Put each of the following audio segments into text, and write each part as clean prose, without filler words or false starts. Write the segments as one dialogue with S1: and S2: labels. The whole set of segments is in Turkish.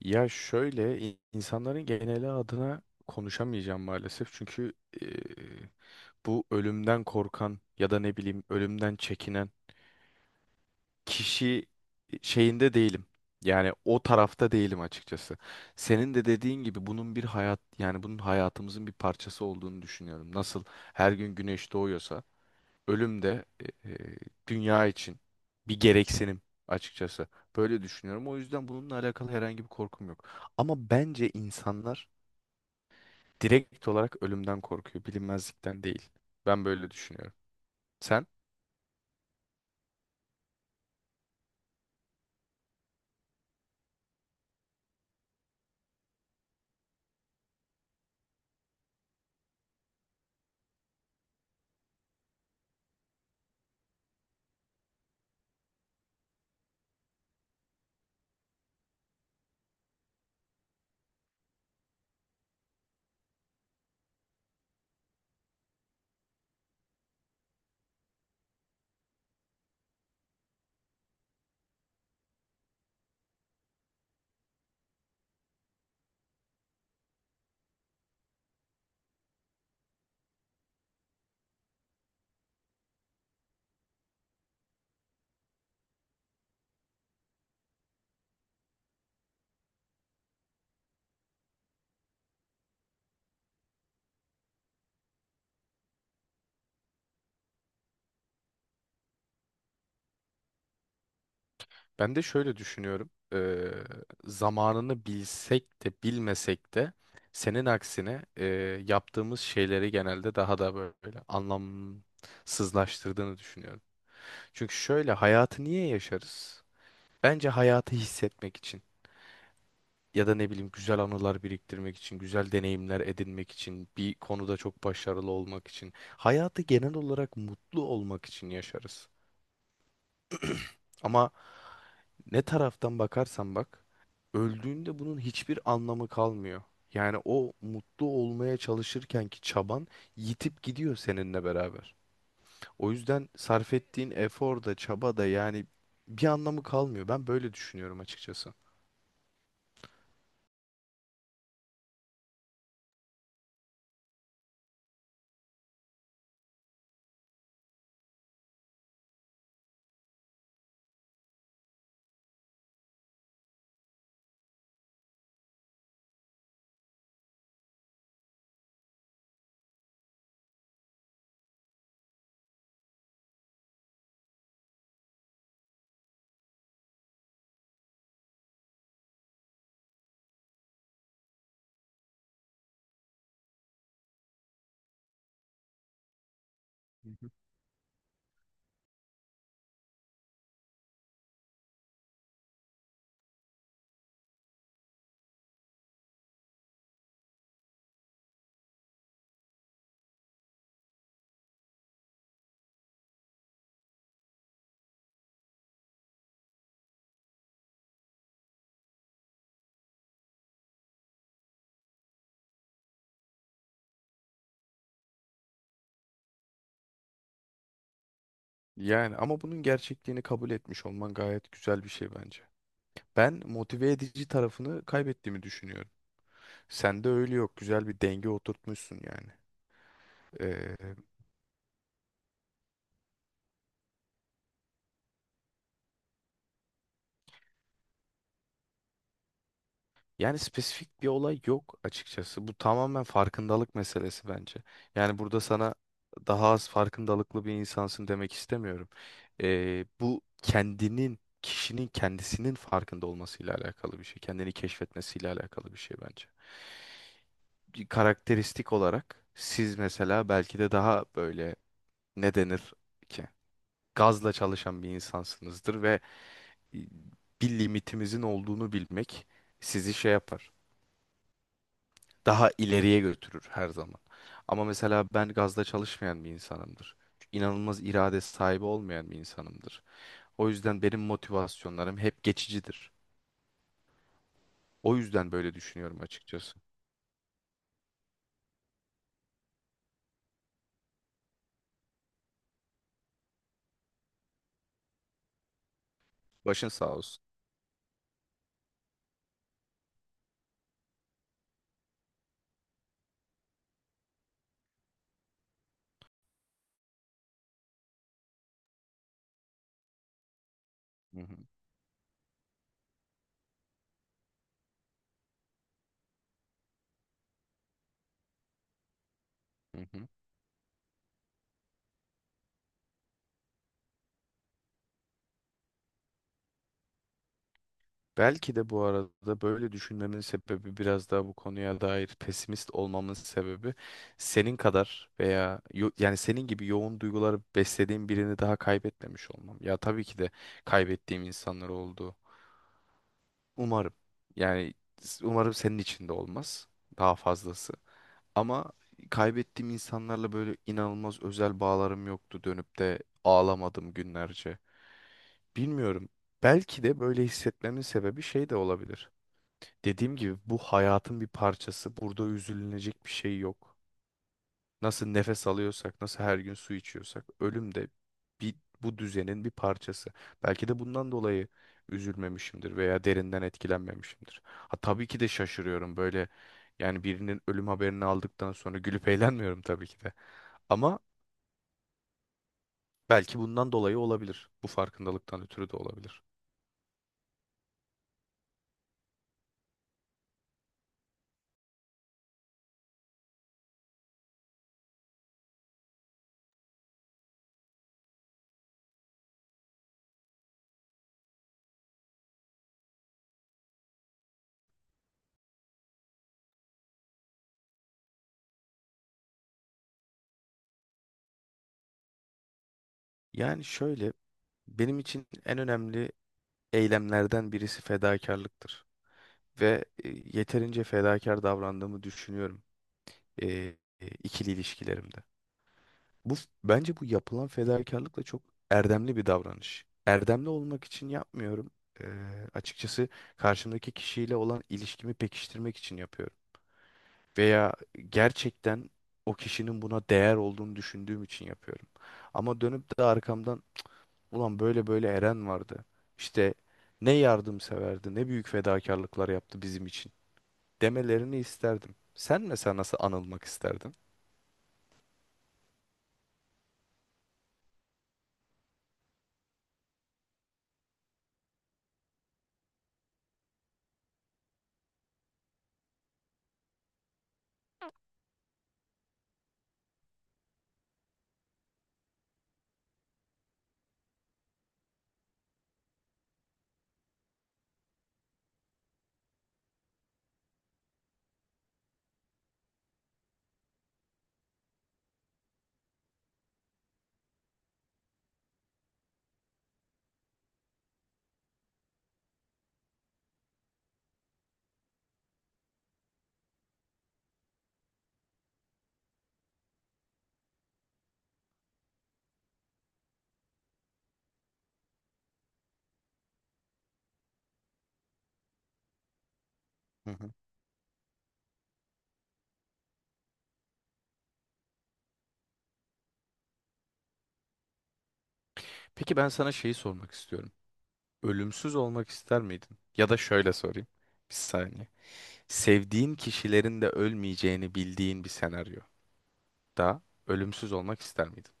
S1: Ya şöyle insanların geneli adına konuşamayacağım maalesef. Çünkü e, bu ölümden korkan ya da ne bileyim ölümden çekinen kişi şeyinde değilim. Yani o tarafta değilim açıkçası. Senin de dediğin gibi bunun bir hayat yani bunun hayatımızın bir parçası olduğunu düşünüyorum. Nasıl her gün güneş doğuyorsa ölüm de e, e, dünya için bir gereksinim açıkçası. Böyle düşünüyorum. O yüzden bununla alakalı herhangi bir korkum yok. Ama bence insanlar direkt olarak ölümden korkuyor, bilinmezlikten değil. Ben böyle düşünüyorum. Sen? Ben de şöyle düşünüyorum. Zamanını bilsek de bilmesek de senin aksine yaptığımız şeyleri genelde daha da böyle anlamsızlaştırdığını düşünüyorum. Çünkü şöyle hayatı niye yaşarız? Bence hayatı hissetmek için ya da ne bileyim güzel anılar biriktirmek için, güzel deneyimler edinmek için, bir konuda çok başarılı olmak için, hayatı genel olarak mutlu olmak için yaşarız. Ama ne taraftan bakarsan bak, öldüğünde bunun hiçbir anlamı kalmıyor. Yani o mutlu olmaya çalışırken ki çaban yitip gidiyor seninle beraber. O yüzden sarf ettiğin efor da çaba da yani bir anlamı kalmıyor. Ben böyle düşünüyorum açıkçası. Yani ama bunun gerçekliğini kabul etmiş olman gayet güzel bir şey bence. Ben motive edici tarafını kaybettiğimi düşünüyorum. Sende öyle yok. Güzel bir denge oturtmuşsun yani. Ee, Yani spesifik bir olay yok açıkçası. Bu tamamen farkındalık meselesi bence. Yani burada sana daha az farkındalıklı bir insansın demek istemiyorum. Bu kendinin, kişinin kendisinin farkında olmasıyla alakalı bir şey. Kendini keşfetmesiyle alakalı bir şey bence. Bir karakteristik olarak siz mesela belki de daha böyle ne denir ki gazla çalışan bir insansınızdır ve bir limitimizin olduğunu bilmek sizi şey yapar. Daha ileriye götürür her zaman. Ama mesela ben gazla çalışmayan bir insanımdır. İnanılmaz irade sahibi olmayan bir insanımdır. O yüzden benim motivasyonlarım hep geçicidir. O yüzden böyle düşünüyorum açıkçası. Başın sağ olsun. Hı hı. Hı hı. Belki de bu arada böyle düşünmemin sebebi biraz daha bu konuya dair pesimist olmamın sebebi senin kadar veya yani senin gibi yoğun duyguları beslediğim birini daha kaybetmemiş olmam. Ya tabii ki de kaybettiğim insanlar oldu. Umarım. Yani umarım senin için de olmaz daha fazlası. Ama kaybettiğim insanlarla böyle inanılmaz özel bağlarım yoktu dönüp de ağlamadım günlerce. Bilmiyorum. Belki de böyle hissetmemin sebebi şey de olabilir. Dediğim gibi bu hayatın bir parçası. Burada üzülünecek bir şey yok. Nasıl nefes alıyorsak, nasıl her gün su içiyorsak, ölüm de bir, bu düzenin bir parçası. Belki de bundan dolayı üzülmemişimdir veya derinden etkilenmemişimdir. Ha tabii ki de şaşırıyorum böyle. Yani birinin ölüm haberini aldıktan sonra gülüp eğlenmiyorum tabii ki de. Ama belki bundan dolayı olabilir. Bu farkındalıktan ötürü de olabilir. Yani şöyle, benim için en önemli eylemlerden birisi fedakarlıktır. Ve yeterince fedakar davrandığımı düşünüyorum e, ikili ilişkilerimde. Bu bence bu yapılan fedakarlık da çok erdemli bir davranış. Erdemli olmak için yapmıyorum. E, Açıkçası karşımdaki kişiyle olan ilişkimi pekiştirmek için yapıyorum. Veya gerçekten o kişinin buna değer olduğunu düşündüğüm için yapıyorum. Ama dönüp de arkamdan ulan böyle böyle Eren vardı. İşte ne yardımseverdi, ne büyük fedakarlıklar yaptı bizim için demelerini isterdim. Sen mesela nasıl anılmak isterdin? Hı hı. Peki ben sana şeyi sormak istiyorum. Ölümsüz olmak ister miydin? Ya da şöyle sorayım. Bir saniye. Sevdiğin kişilerin de ölmeyeceğini bildiğin bir senaryo. Da ölümsüz olmak ister miydin?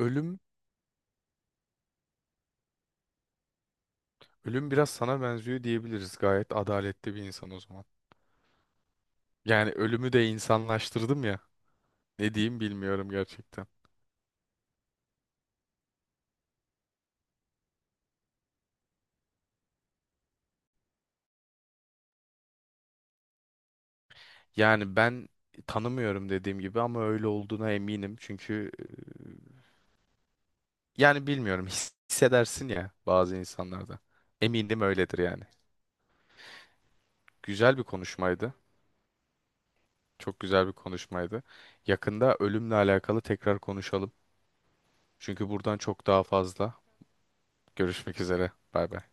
S1: Ölüm, ölüm biraz sana benziyor diyebiliriz. Gayet adaletli bir insan o zaman. Yani ölümü de insanlaştırdım ya. Ne diyeyim bilmiyorum gerçekten. Yani ben tanımıyorum dediğim gibi ama öyle olduğuna eminim. Çünkü yani bilmiyorum hissedersin ya bazı insanlarda. Eminim öyledir yani. Güzel bir konuşmaydı. Çok güzel bir konuşmaydı. Yakında ölümle alakalı tekrar konuşalım. Çünkü buradan çok daha fazla. Görüşmek üzere. Bay bay.